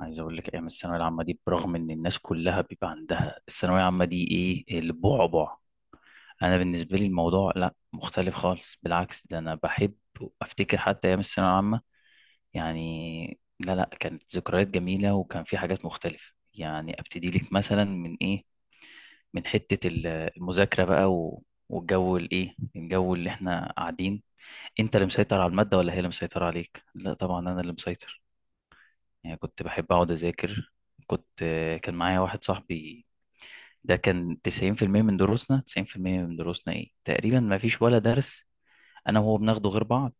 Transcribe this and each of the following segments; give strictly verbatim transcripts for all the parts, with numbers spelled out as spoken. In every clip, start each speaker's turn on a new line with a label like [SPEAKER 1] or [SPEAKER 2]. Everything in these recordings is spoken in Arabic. [SPEAKER 1] عايز اقول لك ايام الثانويه العامه دي، برغم ان الناس كلها بيبقى عندها الثانويه العامه دي ايه البعبع، انا بالنسبه لي الموضوع لا مختلف خالص. بالعكس، ده انا بحب افتكر حتى ايام الثانويه العامه. يعني لا لا، كانت ذكريات جميله وكان في حاجات مختلفه. يعني ابتدي لك مثلا من ايه من حته ال- المذاكره بقى و- والجو الايه الجو اللي احنا قاعدين، انت اللي مسيطر على الماده ولا هي اللي مسيطره عليك؟ لا طبعا انا اللي مسيطر. يعني كنت بحب أقعد أذاكر. كنت كان معايا واحد صاحبي، ده كان تسعين في المية من دروسنا. تسعين في المية من دروسنا إيه تقريبا ما فيش ولا درس أنا وهو بناخده غير بعض.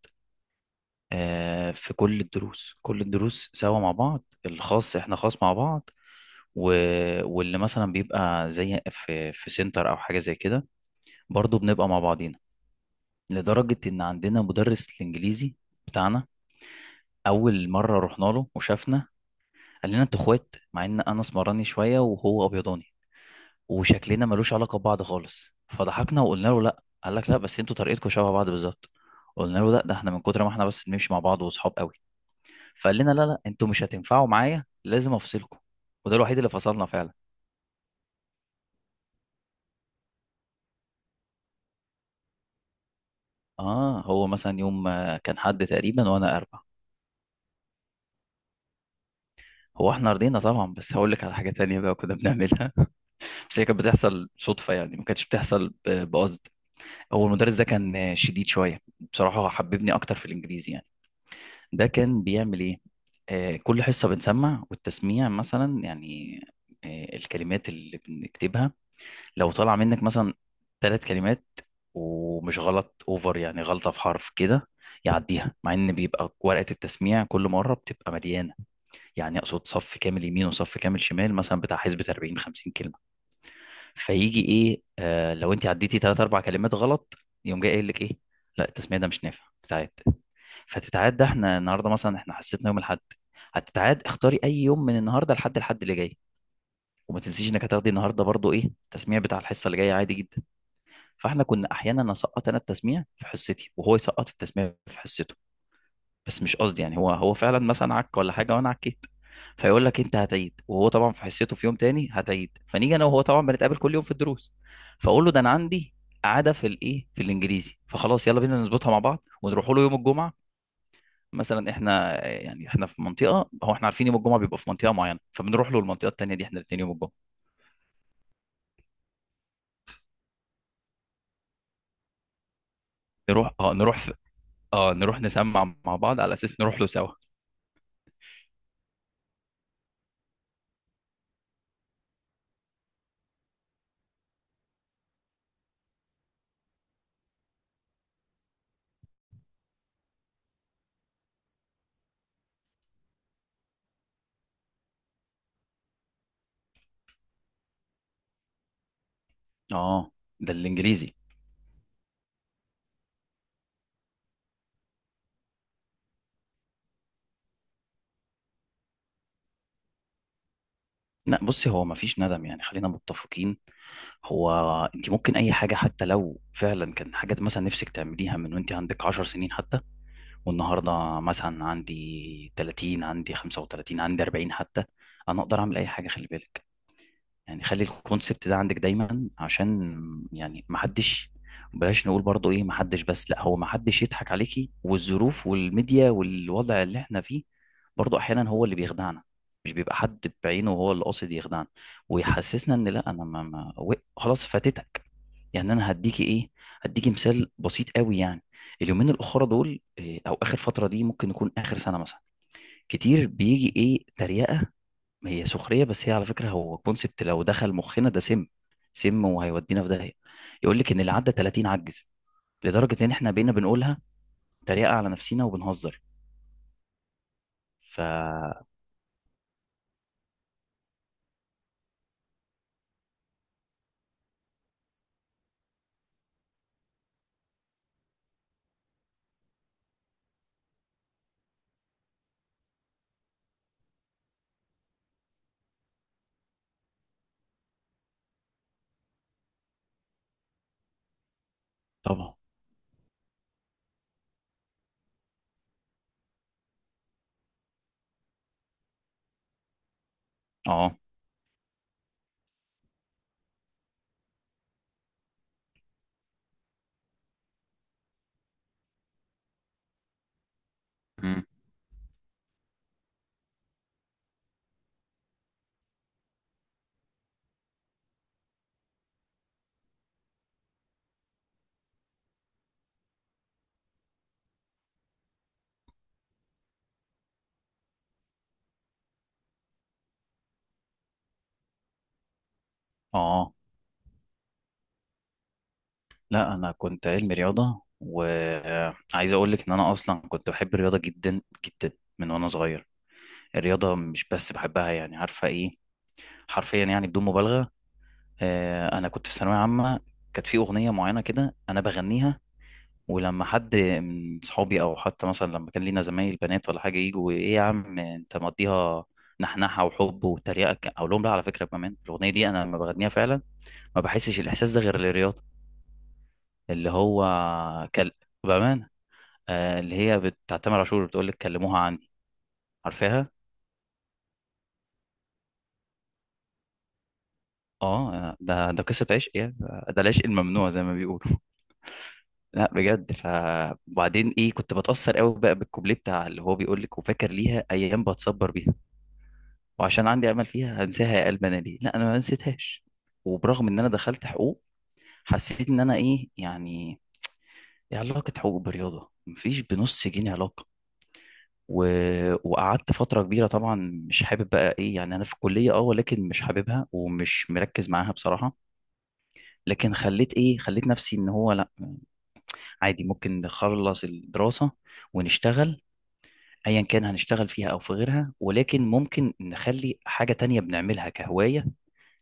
[SPEAKER 1] آه، في كل الدروس، كل الدروس سوا مع بعض. الخاص إحنا خاص مع بعض. و... واللي مثلا بيبقى زي في في سنتر أو حاجة زي كده، برضه بنبقى مع بعضينا. لدرجة إن عندنا مدرس الإنجليزي بتاعنا، أول مرة رحنا له وشافنا قال لنا أنتوا إخوات، مع إن أنا اسمراني شوية وهو أبيضاني وشكلنا ملوش علاقه ببعض خالص. فضحكنا وقلنا له لا. قال لك لا، بس انتوا طريقتكم شبه بعض بالظبط. قلنا له لا، ده احنا من كتر ما احنا بس بنمشي مع بعض واصحاب قوي. فقال لنا لا لا، انتوا مش هتنفعوا معايا، لازم افصلكم. وده الوحيد اللي فصلنا فعلا. اه، هو مثلا يوم آه، كان حد تقريبا وانا اربع. هو احنا رضينا طبعا، بس هقول لك على حاجه تانية بقى كنا بنعملها. بس هي كانت بتحصل صدفه، يعني ما كانتش بتحصل ب- بقصد. هو المدرس ده كان آه، شديد شويه. بصراحه هو حببني اكتر في الانجليزي يعني. ده كان بيعمل ايه؟ آه كل حصه بنسمع والتسميع مثلا، يعني آه الكلمات اللي بنكتبها لو طالع منك مثلا ثلاث كلمات، ومش غلط اوفر، يعني غلطه في حرف كده، يعديها، مع ان بيبقى ورقه التسميع كل مره بتبقى مليانه. يعني اقصد صف كامل يمين وصف كامل شمال مثلا، بتاع حسبة اربعين خمسين كلمه. فيجي ايه آه لو انت عديتي ثلاث اربع كلمات غلط، يقوم جاي قايل لك ايه؟ لا، التسميه ده مش نافع، تتعاد. فتتعاد، ده احنا النهارده مثلا، احنا حسيتنا يوم الاحد هتتعاد. اختاري اي يوم من النهارده لحد الحد اللي جاي، وما تنسيش انك هتاخدي النهارده برضو ايه التسميع بتاع الحصه اللي جايه عادي جدا. فاحنا كنا احيانا اسقط انا التسميع في حصتي وهو يسقط التسميع في حصته. بس مش قصدي يعني، هو هو فعلا مثلا عك ولا حاجه وانا عكيت، فيقول لك انت هتعيد. وهو طبعا في حصته في يوم تاني هتعيد. فنيجي انا وهو، طبعا بنتقابل كل يوم في الدروس، فاقول له ده انا عندي عاده في الايه في الانجليزي. فخلاص يلا بينا نظبطها مع بعض ونروح له يوم الجمعه. مثلا احنا، يعني احنا في منطقه، هو احنا عارفين يوم الجمعه بيبقى في منطقه معينه، فبنروح له المنطقه التانيه دي احنا الاثنين يوم الجمعه. نروح، اه نروح في، اه نروح نسمع مع بعض على اساس نروح له سوا. اه، ده الانجليزي. لا بصي، هو مفيش ندم، يعني خلينا متفقين. هو انت ممكن اي حاجه، حتى لو فعلا كان حاجات مثلا نفسك تعمليها من وانت عندك 10 سنين حتى، والنهارده مثلا عندي تلاتين، عندي خمسة وتلاتين، عندي اربعين حتى، انا اقدر اعمل اي حاجه. خلي بالك، يعني خلي الكونسبت ده عندك دايما، عشان يعني ما حدش بلاش نقول برضو ايه ما حدش، بس لا، هو ما حدش يضحك عليكي. والظروف والميديا والوضع اللي احنا فيه برضو احيانا هو اللي بيخدعنا. مش بيبقى حد بعينه هو اللي قاصد يخدعنا ويحسسنا ان لا انا ما, ما و- خلاص فاتتك. يعني انا هديكي ايه هديكي مثال بسيط قوي يعني. اليومين الاخرى دول إيه، او اخر فتره دي، ممكن يكون اخر سنه مثلا، كتير بيجي ايه تريقه. هي سخريه، بس هي على فكره هو كونسبت لو دخل مخنا ده سم، سم وهيودينا في داهيه. يقول لك ان اللي عدى تلاتين عجز، لدرجه ان احنا بقينا بنقولها تريقه على نفسنا وبنهزر. ف طبعا. اه. مم. اه لا، انا كنت علمي رياضه. وعايز اقول لك ان انا اصلا كنت بحب الرياضه جدا جدا من وانا صغير. الرياضه مش بس بحبها، يعني عارفه ايه، حرفيا يعني بدون مبالغه. آه، انا كنت في ثانويه عامه، كانت في اغنيه معينه كده انا بغنيها، ولما حد من صحابي او حتى مثلا لما كان لينا زمايل بنات ولا حاجه يجوا ايه يا عم انت مقضيها، نحنحه وحب وتريقه، ك- اقول لهم لا، على فكره كمان الاغنيه دي انا لما بغنيها فعلا ما بحسش الاحساس ده غير للرياضه. اللي هو كل بامان، آه اللي هي بتاعت تامر عاشور، بتقول لك كلموها عني. عارفاها؟ اه، ده ده قصه عشق يعني، ده العشق الممنوع زي ما بيقولوا. لا بجد. ف وبعدين ايه كنت بتاثر قوي بقى بالكوبليه بتاع اللي هو بيقول لك: وفاكر ليها ايام بتصبر بيها، وعشان عندي امل فيها هنساها يا قلب انا ليه؟ لا انا ما نسيتهاش. وبرغم ان انا دخلت حقوق، حسيت ان انا ايه يعني ايه علاقه حقوق برياضه؟ مفيش بنص جنيه علاقه. و... وقعدت فتره كبيره طبعا مش حابب بقى ايه يعني انا في الكليه اه، ولكن مش حاببها ومش مركز معاها بصراحه. لكن خليت ايه خليت نفسي ان هو لا، عادي، ممكن نخلص الدراسه ونشتغل، ايا كان هنشتغل فيها او في غيرها. ولكن ممكن نخلي حاجه تانية بنعملها كهوايه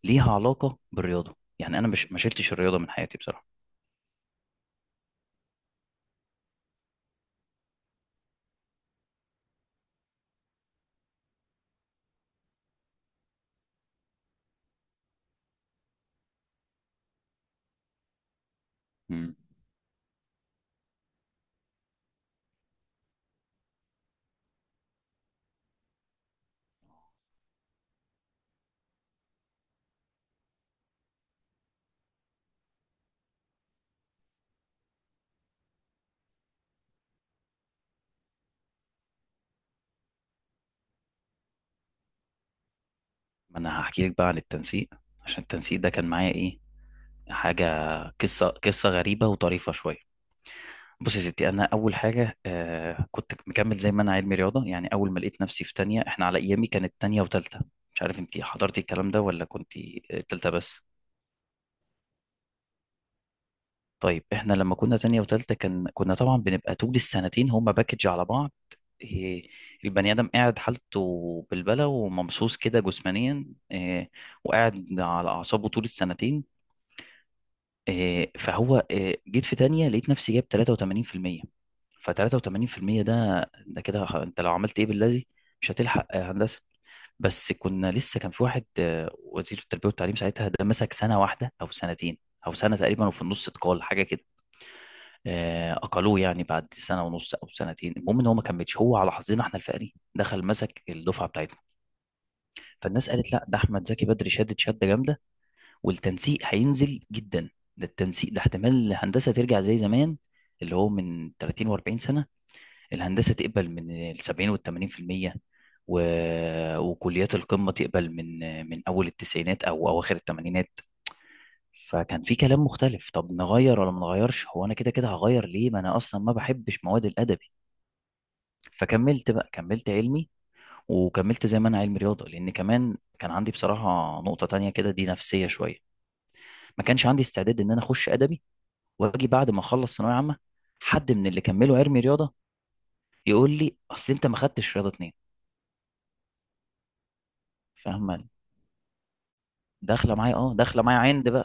[SPEAKER 1] ليها علاقه بالرياضه. يعني انا مش ما شلتش الرياضه من حياتي بصراحه. مم. ما انا هحكي لك بقى عن التنسيق. عشان التنسيق ده كان معايا ايه حاجه، قصه قصه غريبه وطريفه شويه. بص يا ستي، انا اول حاجه آه كنت مكمل زي ما انا علمي رياضه. يعني اول ما لقيت نفسي في تانية، احنا على ايامي كانت تانية وتالتة، مش عارف انت حضرتي الكلام ده ولا كنت تالتة بس. طيب احنا لما كنا تانية وتالتة، كان كنا طبعا بنبقى طول السنتين هما باكج على بعض. إيه، البني آدم قاعد حالته بالبلة وممسوس كده جسمانيا، إيه، وقاعد على أعصابه طول السنتين. إيه، فهو إيه، جيت في تانية لقيت نفسي جايب تلاتة وتمانين بالمية. ف تلاتة وتمانين بالمية ده ده كده ه- أنت لو عملت إيه باللذي مش هتلحق آه، هندسة. بس كنا لسه، كان في واحد آه، وزير التربية والتعليم ساعتها، ده مسك سنة واحدة أو سنتين، أو سنة تقريبا، وفي النص اتقال حاجة كده. آه، اقلوه يعني بعد سنه ونص او سنتين. المهم ان هو ما كملش. هو على حظنا احنا الفقري دخل مسك الدفعه بتاعتنا، فالناس قالت لا، ده احمد زكي بدري شدت شده جامده والتنسيق هينزل جدا. ده التنسيق ده احتمال الهندسه ترجع زي زمان، اللي هو من تلاتين و40 سنه، الهندسه تقبل من ال سبعين وال تمانين بالمية، و... وكليات القمه تقبل من من اول التسعينات او اواخر الثمانينات. فكان في كلام مختلف، طب نغير ولا ما نغيرش؟ هو انا كده كده هغير ليه، ما انا اصلا ما بحبش مواد الادب. فكملت بقى، كملت علمي. وكملت زي ما انا علمي رياضه، لان كمان كان عندي بصراحه نقطه تانية كده، دي نفسيه شويه. ما كانش عندي استعداد ان انا اخش ادبي واجي بعد ما اخلص ثانويه عامه، حد من اللي كملوا علمي رياضه يقول لي اصل انت ما خدتش رياضه اتنين. فاهمه؟ داخله معايا اه داخله معايا عند بقى.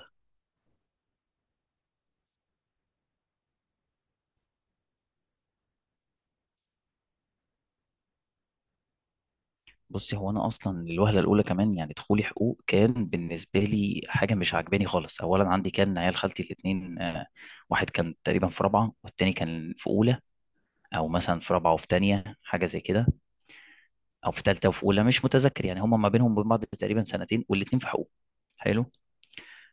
[SPEAKER 1] بصي، هو انا اصلا الوهله الاولى كمان، يعني دخولي حقوق كان بالنسبه لي حاجه مش عاجباني خالص. اولا، عندي كان عيال خالتي الاثنين، واحد كان تقريبا في رابعه والتاني كان في اولى، او مثلا في رابعه وفي تانية حاجه زي كده، او في تالتة وفي اولى، مش متذكر. يعني هم ما بينهم وبين بعض تقريبا سنتين والاتنين في حقوق. حلو.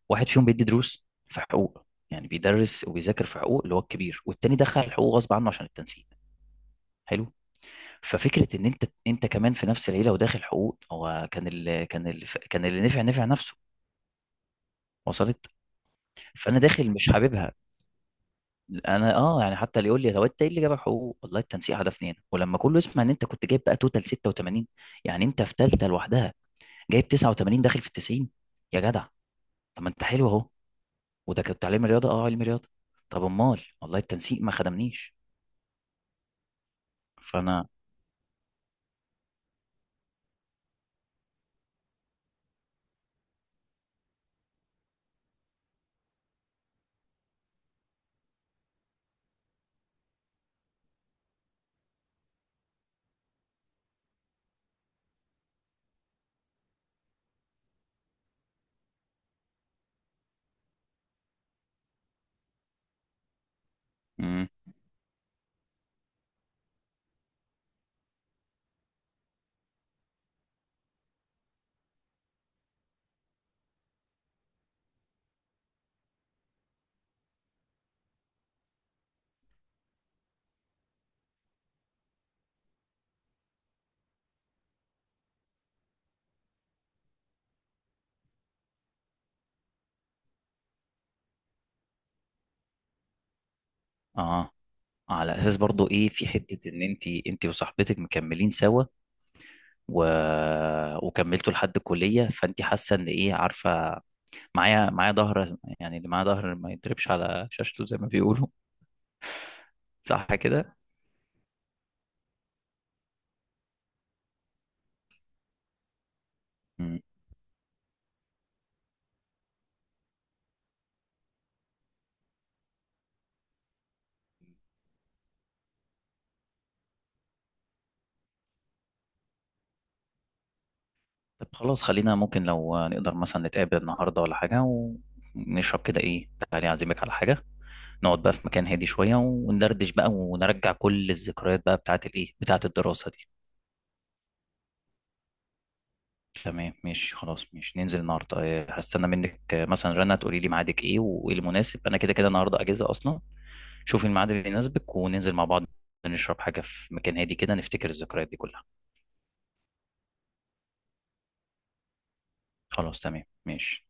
[SPEAKER 1] واحد فيهم بيدي دروس في حقوق، يعني بيدرس وبيذاكر في حقوق، اللي هو الكبير. والتاني دخل حقوق غصب عنه عشان التنسيق. حلو. ففكره ان انت، انت كمان في نفس العيله وداخل حقوق. هو كان اللي كان اللي كان اللي نفع نفع نفسه. وصلت؟ فانا داخل مش حاببها. انا اه، يعني حتى اللي يقول لي طب انت ايه اللي جابك حقوق؟ والله التنسيق هدفني هنا. ولما كله يسمع ان انت كنت جايب بقى توتال ستة وتمانين، يعني انت في ثالثه لوحدها جايب تسعة وتمانين، داخل في ال تسعين، يا جدع طب ما انت حلو اهو. وده كنت علم رياضه، اه علم رياضه. طب امال، والله التنسيق ما خدمنيش. فانا امم اه. على اساس برضو ايه في حته ان انت انت وصاحبتك مكملين سوا، و... وكملتوا لحد الكليه، فانت حاسه ان ايه، عارفه معايا معايا ظهر، يعني اللي معاه ظهر ما يضربش على شاشته زي ما بيقولوا. صح كده؟ مم. طب خلاص، خلينا ممكن لو نقدر مثلا نتقابل النهارده ولا حاجه، ونشرب كده ايه تعالي اعزمك على حاجه، نقعد بقى في مكان هادي شوية وندردش بقى ونرجع كل الذكريات بقى بتاعت الإيه بتاعت الدراسة دي. تمام ماشي، خلاص ماشي، ننزل النهاردة. آه، هستنى منك آه، مثلا رنا تقولي لي ميعادك إيه وإيه المناسب. أنا كده كده النهاردة أجازة أصلا. شوفي الميعاد اللي يناسبك وننزل مع بعض، نشرب حاجة في مكان هادي كده، نفتكر الذكريات دي كلها. خلاص تمام ماشي.